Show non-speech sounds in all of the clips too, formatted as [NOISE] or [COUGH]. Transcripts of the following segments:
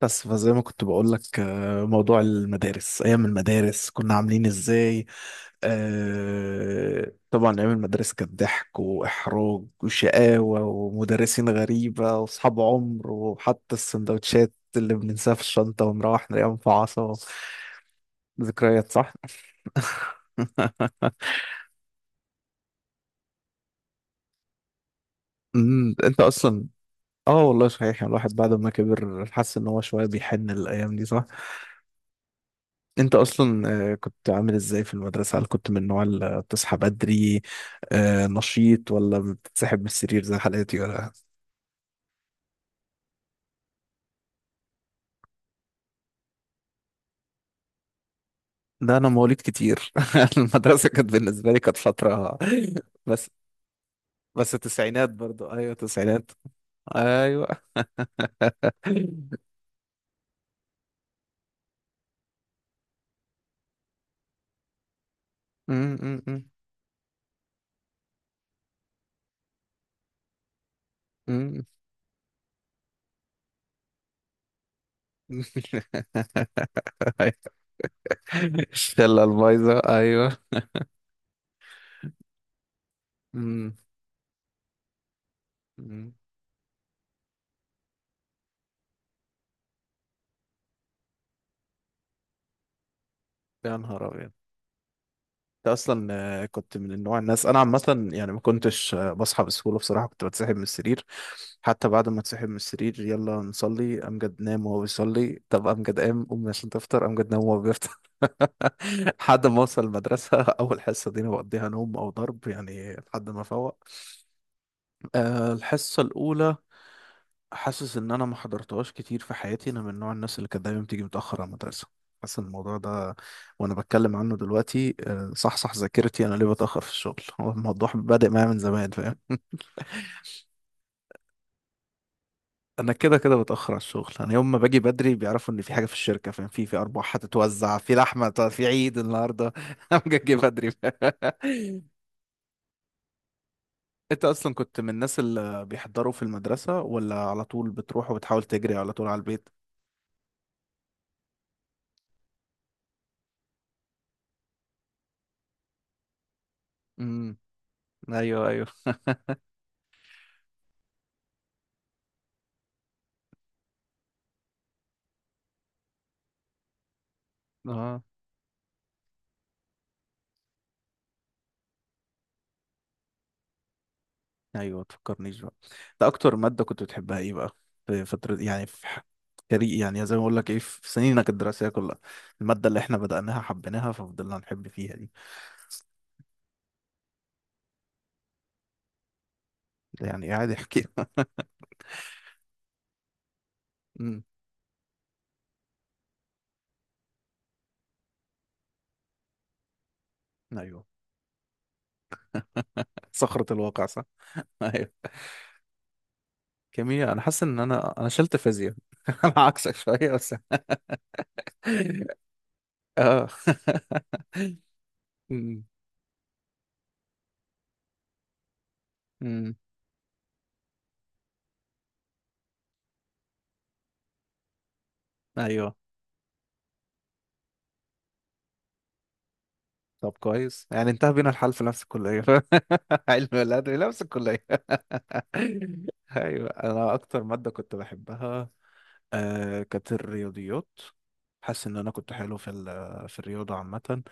بس فزي، ما كنت بقول لك، موضوع المدارس، ايام المدارس كنا عاملين ازاي؟ طبعا ايام المدارس كانت ضحك واحراج وشقاوه ومدرسين غريبه واصحاب عمر، وحتى السندوتشات اللي بننساها في الشنطه ونروح نلاقيها مفعصه. ذكريات، صح. [LAUGHS] انت اصلا. اه، والله صحيح، يعني الواحد بعد ما كبر حس ان هو شويه بيحن الايام دي. انت اصلا. كنت عامل ازاي في المدرسة؟ هل كنت من النوع اللي بتصحى بدري، نشيط، ولا بتتسحب من السرير زي حالاتي، ولا؟ ده انا مواليد كتير. [LAUGHS] المدرسة كانت بالنسبة لي كانت فترة. بس بس التسعينات برضو، ايوه، تسعينات. ايوه. [LAUGHS] م- م- م- م. [LAUGHS] الشلة البايظة، ايوه. م- م. يا نهار ابيض. انت اصلا. كنت من النوع، الناس انا عامه يعني ما كنتش بصحى بسهوله، بصراحه كنت بتسحب من السرير. حتى بعد ما اتسحب من السرير، يلا نصلي امجد، نام وهو بيصلي. طب امجد قام، قوم عشان تفطر، امجد نام وهو بيفطر. [LAUGHS] لحد ما اوصل المدرسه. [LAUGHS] اول حصه دي انا بقضيها نوم او ضرب، يعني لحد ما افوق. الحصه الاولى، حاسس ان انا ما حضرتهاش كتير في حياتي. انا من نوع الناس اللي كانت دايما بتيجي متاخر على المدرسه. حاسس ان الموضوع ده، وانا بتكلم عنه دلوقتي صحصح ذاكرتي، انا ليه بتاخر في الشغل. [LAUGHS] هو الموضوع بادئ معايا من زمان، فاهم. [LAUGHS] انا كده كده بتاخر على الشغل. انا يوم ما باجي بدري بيعرفوا ان في حاجه في الشركه، فاهم؟ في ارباح هتتوزع، في لحمه في عيد النهارده. [LAUGHS] انا جاي بدري. [LAUGHS] انت اصلا كنت من الناس اللي بيحضروا في المدرسه، ولا على طول بتروح وبتحاول تجري على طول على البيت؟ امم. ايوه ايوه، اه، ايوه، تفكرنيش بقى. ده اكتر ماده كنت بتحبها ايه بقى؟ في فتره، يعني، في كاري، يعني زي ما اقول لك ايه في سنينك الدراسيه كلها. الماده اللي احنا بدأناها حبيناها، ففضلنا نحب فيها دي. ده يعني قاعد احكي. [LAUGHS] امم. ايوه. صخرة الواقع، صح. [LAUGHS] ايوه. كيمياء، انا حاسس ان انا شلت فيزياء. [LAUGHS] انا عكسك شويه بس. [LAUGHS] اه. [LAUGHS] أمم، أمم. ايوه، طب كويس، يعني انتهى بينا الحال في نفس الكلية. [LAUGHS] علم الأدبي نفس الكلية. [LAUGHS] أيوة، أنا أكتر مادة كنت بحبها كانت الرياضيات. حاسس ان انا كنت حلو في في الرياضه عامه.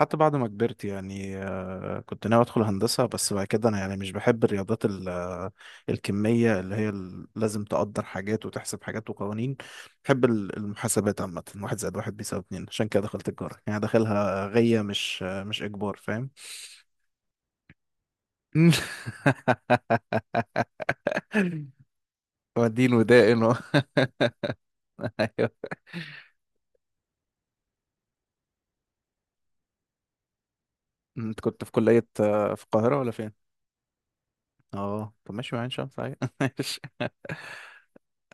حتى بعد ما كبرت يعني كنت ناوي ادخل هندسه، بس بعد كده انا يعني مش بحب الرياضات، الكميه، اللي هي لازم تقدر حاجات وتحسب حاجات وقوانين. بحب المحاسبات عامه، واحد زائد واحد بيساوي اتنين، عشان كده دخلت تجاره، يعني داخلها غيه، مش مش اجبار، فاهم. [LAUGHS] ودين ودائن. [LAUGHS] انت كنت في كليه في القاهره ولا فين؟ اه، طب ماشي، مع عين شمس عادي. [LAUGHS] ماشي.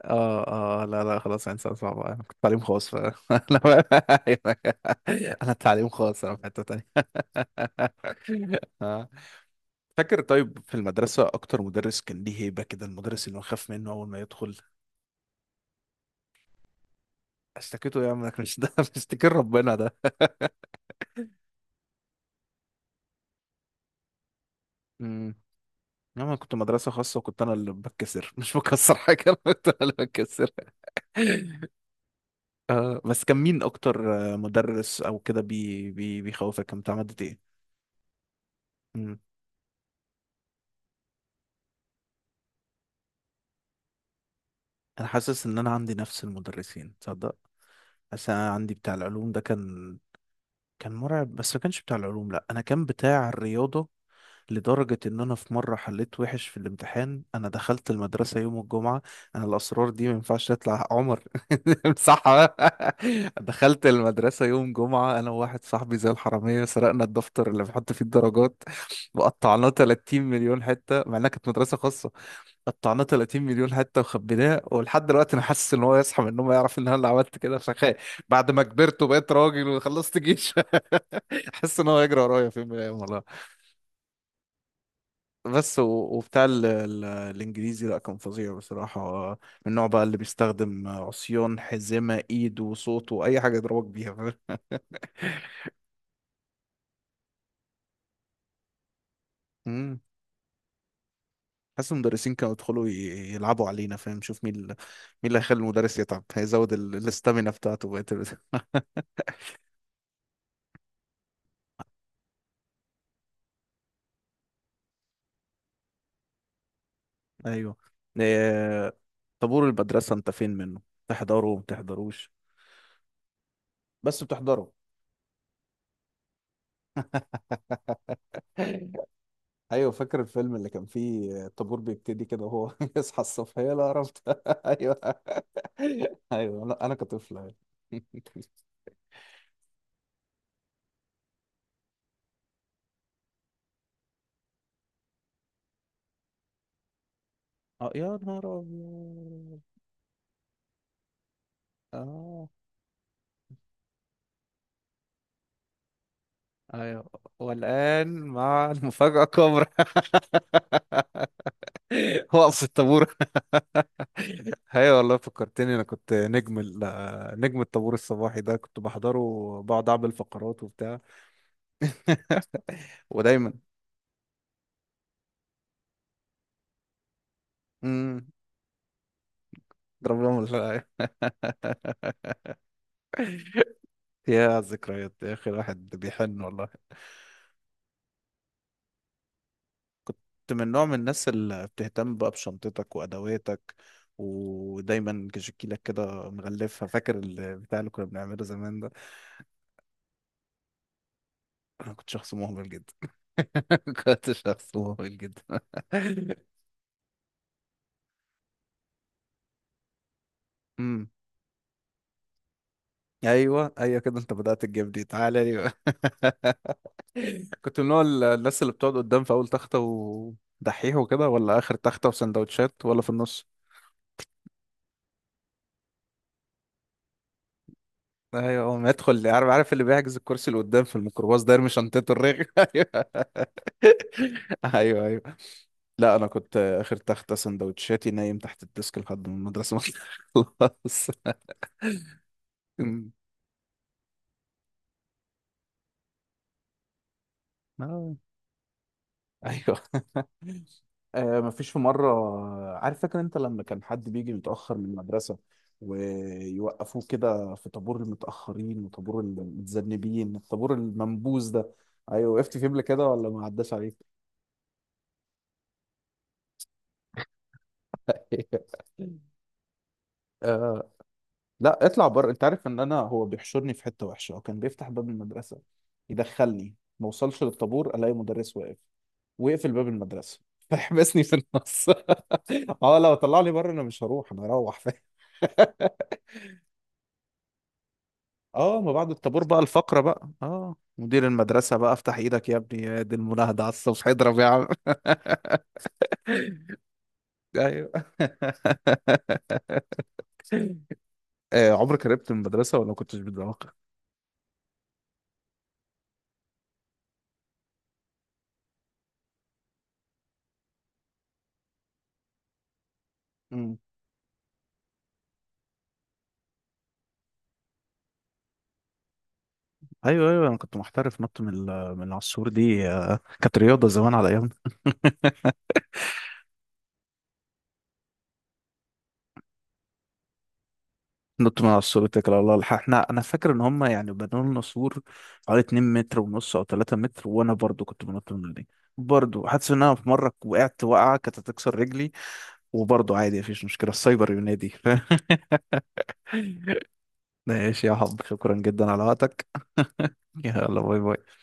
اه اه، لا لا، خلاص عين شمس صعبة، انا كنت تعليم خاص [LAUGHS] انا. انا تعليم خاص، انا في حتة تانية. [LAUGHS] آه. فاكر؟ طيب في المدرسة، أكتر مدرس كان ليه هيبة كده، المدرس اللي نخاف منه أول ما يدخل؟ اشتكيته إيه يا عم؟ [LAUGHS] إنك مش، ده مش اشتكي ربنا ده. امم. يا عم، أنا كنت مدرسة خاصة، وكنت أنا اللي بتكسر. [LAUGHS] مش بكسر حاجة، أنا كنت أنا اللي بتكسر. [LAUGHS] بس كان مين أكتر مدرس أو كده بي بي بيخوفك، كان بتاع مادة؟ إيه؟ انا حاسس ان انا عندي نفس المدرسين، تصدق. بس انا عندي بتاع العلوم ده كان مرعب، بس ما كانش بتاع العلوم، لا، انا كان بتاع الرياضه. لدرجه ان انا في مره حليت وحش في الامتحان، انا دخلت المدرسه يوم الجمعه. انا الاسرار دي ما ينفعش تطلع، عمر. [LAUGHS] امسحها. دخلت المدرسه يوم جمعه، انا وواحد صاحبي، زي الحراميه، سرقنا الدفتر اللي بنحط فيه الدرجات، وقطعناه 30 مليون حته، مع انها كانت مدرسه خاصه. قطعناه 30 مليون حته وخبيناه. ولحد دلوقتي انا حاسس ان هو يصحى من النوم يعرف ان انا اللي عملت كده، فخايف بعد ما كبرت وبقيت راجل وخلصت جيش. [LAUGHS] حاسس ان هو هيجري ورايا في يوم من الايام، والله. بس. وبتاع ال الانجليزي، لا، كان فظيع بصراحه، من النوع بقى اللي بيستخدم عصيان، حزمه ايد، وصوت، واي حاجه يضربك بيها، فاهم. مم. حاسس المدرسين كانوا يدخلوا يلعبوا علينا، فاهم، شوف مين، مين اللي هيخلي المدرس يتعب، هيزود الاستامينا بتاعته بقى. ايوه. إيه. طابور المدرسة، انت فين منه؟ تحضره ما تحضروش؟ بس بتحضره. [LAUGHS] ايوه، فاكر الفيلم اللي كان فيه الطابور بيبتدي كده وهو [LAUGHS] يصحى الصبح، يا لا عرفت. [LAUGHS] ايوه، ايوه، انا كطفل، أيوة. [LAUGHS] اه، يا نهار ابيض. اه، ايوه، والان مع المفاجأة الكبرى. [LAUGHS] وقف الطابور. ايوه، والله فكرتني، انا كنت نجم نجم الطابور الصباحي ده، كنت بحضره وبقعد اعمل فقرات وبتاع. [LAUGHS] ودايما. امم. ضرب لهم [LAUGHS] يا ذكريات يا اخي، الواحد بيحن، والله. كنت من نوع من الناس اللي بتهتم بقى بشنطتك وادواتك، ودايما كشكيلك كده مغلفها، فاكر البتاع اللي كنا بنعمله زمان ده. انا كنت شخص مهمل جدا. [LAUGHS] كنت شخص مهمل جدا. [LAUGHS] امم. ايوه، ايوه كده، انت بدأت الجيم دي، تعالى لي بقى. [LAUGHS] كنت من نوع الناس اللي بتقعد قدام في اول تخته ودحيح وكده، ولا اخر تخته وسندوتشات، ولا في النص؟ ايوه، هو ما يدخل، عارف، عارف اللي بيحجز الكرسي اللي قدام في الميكروباص ده، يرمي شنطته، الرغي. [LAUGHS] ايوه، ايوه، ايوه، لا، انا كنت اخر تخته، سندوتشاتي نايم تحت الديسك لحد ما المدرسه ما تخلص. [LAUGHS] آه، ايوه. مفيش. في مرة، عارف، فاكر انت لما كان حد بيجي متأخر من المدرسة، ويوقفوه كده في طابور المتأخرين وطابور المتذنبين، الطابور المنبوذ ده، ايوه، وقفت فيه قبل كده ولا ما عداش عليك؟ [LAUGHS] آه لا، اطلع بره، انت عارف ان انا، هو بيحشرني في حتة وحشة. هو كان بيفتح باب المدرسة يدخلني، ما اوصلش للطابور الاقي مدرس واقف ويقفل باب المدرسة، [LAUGHS] فيحبسني في النص. [LAUGHS] اه لو طلعني بره انا مش هروح، انا هروح، فاهم. [LAUGHS] اه ما بعد الطابور بقى الفقرة بقى، مدير المدرسة بقى، افتح ايدك يا ابني، يا دي المناهضة على الصبح، اضرب يا عم. [LAUGHS] ايوه. [LAUGHS] عمرك هربت من المدرسة ولا ما كنتش بتذاكر؟ مم. ايوه، ايوه، انا كنت محترف نط من من على السور دي، كانت رياضة زمان على ايامنا. نط من على السور اتكل على الله، الحق احنا. انا فاكر ان هم يعني بنوا لنا سور حوالي 2 متر ونص او 3 متر، وانا برضو كنت بنط من دي. برضو حاسس ان انا في مرة وقعت وقعة كانت هتكسر رجلي، وبرضه عادي، مفيش مشكلة، السايبر ينادي. [LAUGHS] ماشي يا حب، شكرا جدا على وقتك. يلا، باي باي.